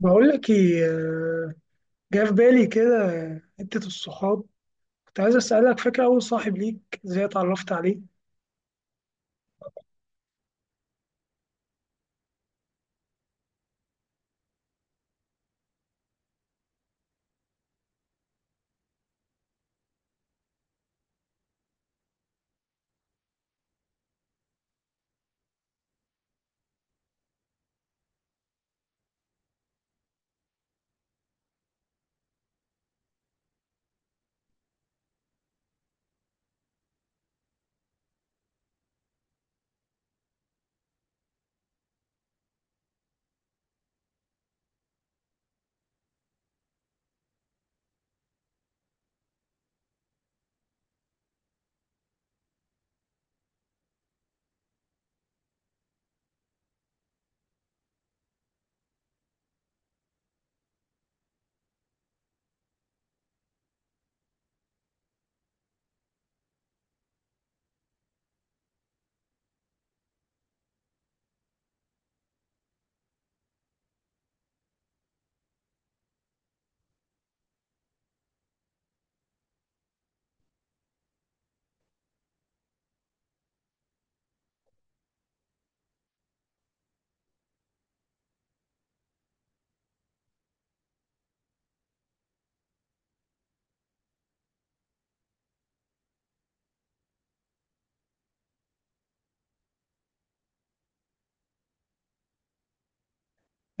بقول لك ايه، جه في بالي كده حتة الصحاب. كنت عايز اسألك، فاكر اول صاحب ليك ازاي اتعرفت عليه؟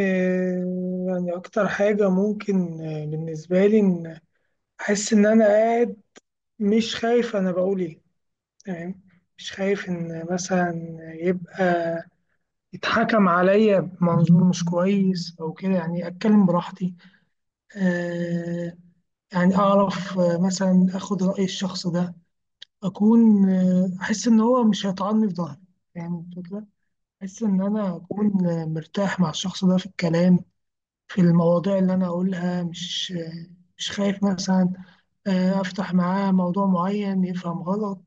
يعني اكتر حاجة ممكن، بالنسبة لي ان احس ان انا قاعد، مش خايف انا بقول ايه. تمام. مش خايف ان مثلا يبقى يتحكم عليا بمنظور مش كويس او كده، يعني اتكلم براحتي. آه، يعني اعرف، مثلا اخد رأي الشخص ده. أكون، أحس إن هو مش هيطعني في ظهري. يعني الفكرة، أحس إن أنا أكون مرتاح مع الشخص ده في الكلام، في المواضيع اللي أنا أقولها. مش خايف مثلا أفتح معاه موضوع معين يفهم غلط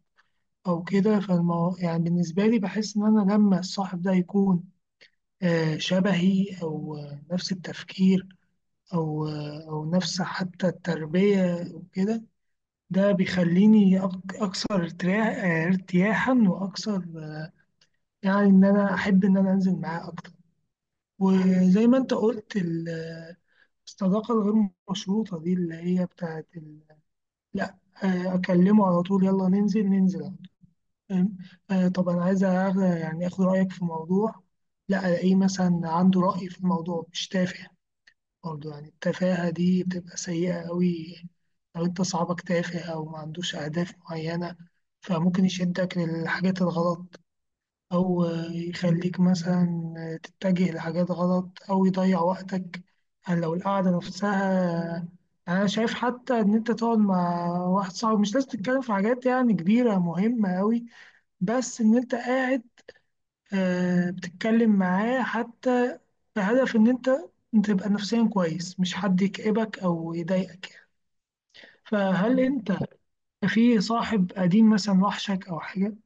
أو كده. يعني بالنسبة لي، بحس إن أنا لما الصاحب ده يكون شبهي، أو نفس التفكير، أو نفس حتى التربية وكده، ده بيخليني أكثر ارتياحا وأكثر، يعني ان انا احب ان انا انزل معاه اكتر. وزي ما انت قلت، الصداقه الغير مشروطه دي، اللي هي بتاعت لا، اكلمه على طول، يلا ننزل ننزل. فاهم؟ طب انا عايز يعني اخد رايك في موضوع، لا الاقيه مثلا عنده راي في الموضوع مش تافه. برضه يعني التفاهه دي بتبقى سيئه قوي. لو انت صاحبك تافه او ما عندوش اهداف معينه، فممكن يشدك للحاجات الغلط أو يخليك مثلا تتجه لحاجات غلط أو يضيع وقتك. يعني لو القعدة نفسها، أنا شايف حتى إن أنت تقعد مع واحد صاحبك مش لازم تتكلم في حاجات يعني كبيرة مهمة أوي، بس إن أنت قاعد بتتكلم معاه حتى بهدف إن أنت تبقى نفسيا كويس، مش حد يكئبك أو يضايقك يعني. فهل أنت في صاحب قديم مثلا وحشك أو حاجة؟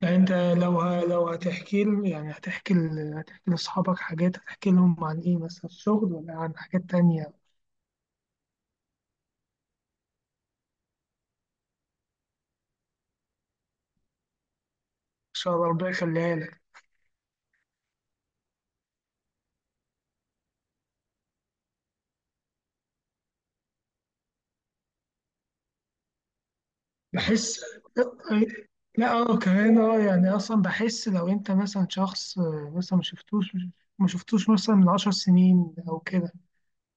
يعني انت لو لو يعني هتحكي لاصحابك حاجات، هتحكي لهم عن ايه؟ مثلا الشغل ولا عن حاجات تانية؟ ان شاء الله، ربنا يخليها لك. بحس. لا، اه. كمان اه، يعني اصلا بحس لو انت مثلا شخص مثلا ما شفتوش، ما شفتوش مثلا من 10 سنين او كده،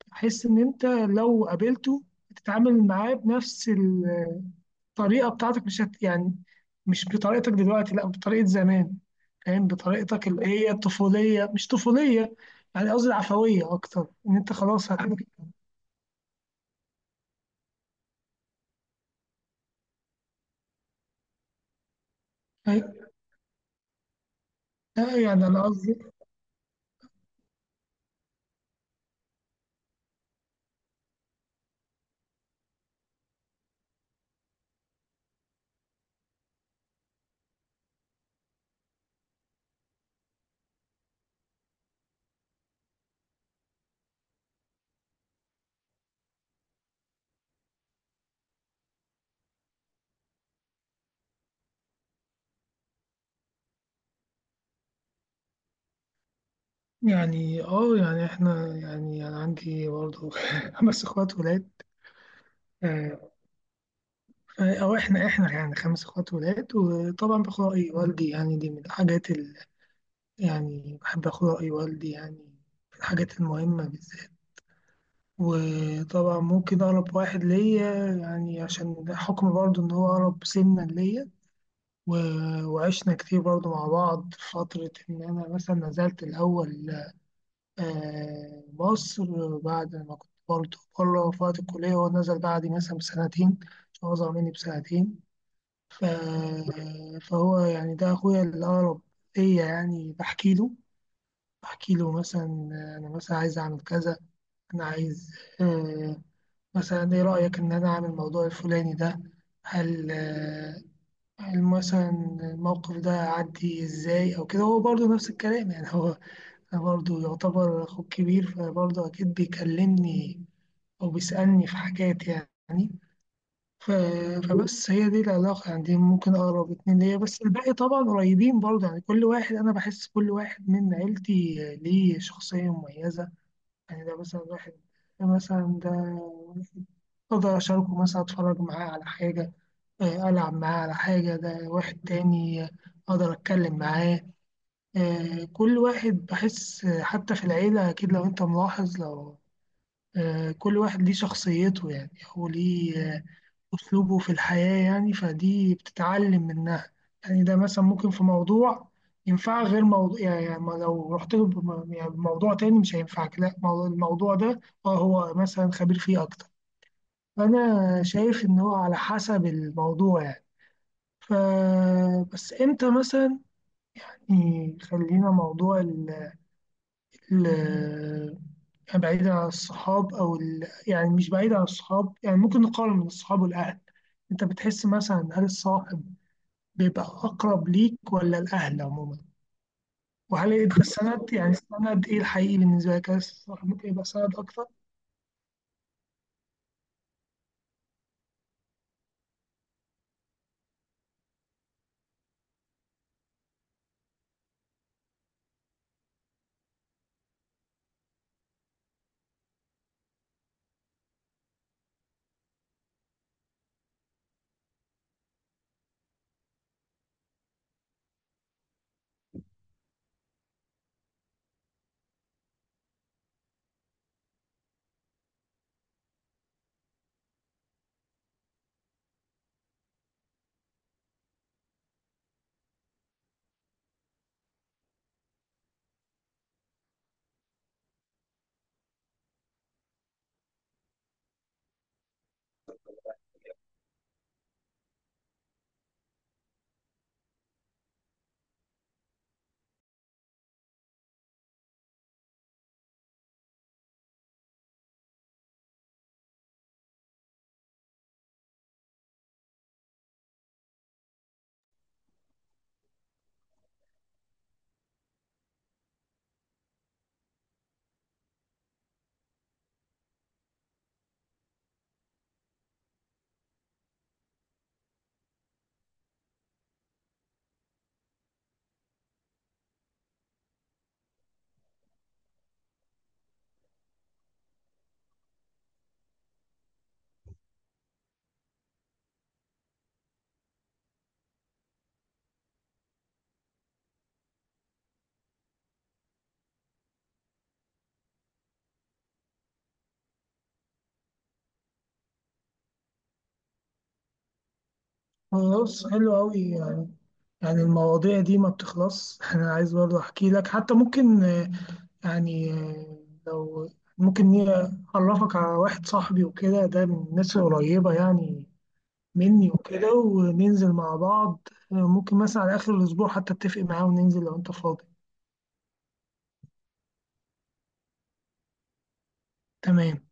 بحس ان انت لو قابلته هتتعامل معاه بنفس الطريقه بتاعتك. مش يعني مش بطريقتك دلوقتي، لا بطريقه زمان. فاهم؟ بطريقتك اللي هي الطفوليه مش طفوليه، يعني قصدي العفويه اكتر، ان انت خلاص أي- لا، يعني انا قصدي. يعني اه، يعني احنا يعني انا عندي برضه 5 اخوات ولاد. آه، او احنا يعني 5 اخوات ولاد، وطبعا باخد راي والدي، يعني دي من الحاجات اللي يعني بحب اخد راي والدي يعني في الحاجات المهمه بالذات. وطبعا ممكن أقرب واحد ليا يعني عشان حكم برضه إن هو أقرب سنا ليا، و- وعشنا كتير برضه مع بعض، في فترة إن أنا مثلا نزلت الأول مصر، بعد ما كنت برضه بره في وقت الكلية. هو نزل بعدي مثلا بسنتين عشان هو أصغر مني بسنتين. ف... فهو يعني ده أخويا الأقرب ليا، يعني بحكي له مثلا أنا مثلا عايز أعمل كذا. أنا عايز آه، مثلا ايه رأيك ان انا اعمل الموضوع الفلاني ده. هل آه، هل مثلا الموقف ده عدي ازاي او كده. هو برضه نفس الكلام، يعني هو برضه يعتبر اخوك كبير، فبرضه اكيد بيكلمني او بيسألني في حاجات يعني. ف- فبس هي دي العلاقة، يعني دي ممكن أقرب اتنين ليا، بس الباقي طبعا قريبين برضه. يعني كل واحد أنا بحس كل واحد من عيلتي ليه شخصية مميزة. يعني ده مثلا ده أقدر أشاركه، مثلا أتفرج معاه على حاجة، ألعب معاه على حاجة. ده واحد تاني، أقدر أتكلم معاه. كل واحد بحس حتى في العيلة، أكيد لو أنت ملاحظ لو آه، كل واحد ليه شخصيته، يعني هو ليه أسلوبه في الحياة، يعني فدي بتتعلم منها. يعني ده مثلا ممكن في موضوع ينفع غير موضوع، يعني لو رحت له يعني بموضوع تاني مش هينفعك. لا الموضوع ده، اه هو مثلا خبير فيه أكتر. أنا شايف إن هو على حسب الموضوع يعني. ف بس إمتى مثلا، يعني خلينا موضوع ال يعني بعيد عن الصحاب أو يعني مش بعيد عن الصحاب، يعني ممكن نقارن بين الصحاب والأهل. أنت بتحس مثلا، هل الصاحب بيبقى أقرب ليك ولا الأهل عموما؟ وهل أنت السند، يعني السند إيه الحقيقي بالنسبة لك؟ هل الصاحب ممكن يبقى سند أكتر؟ خلاص، حلو أوي يعني المواضيع دي ما بتخلص أنا عايز برضه أحكي لك حتى، ممكن يعني لو ممكن أعرفك على واحد صاحبي وكده، ده من الناس القريبة يعني مني وكده، وننزل مع بعض ممكن مثلا على آخر الأسبوع، حتى أتفق معاه وننزل لو أنت فاضي. تمام.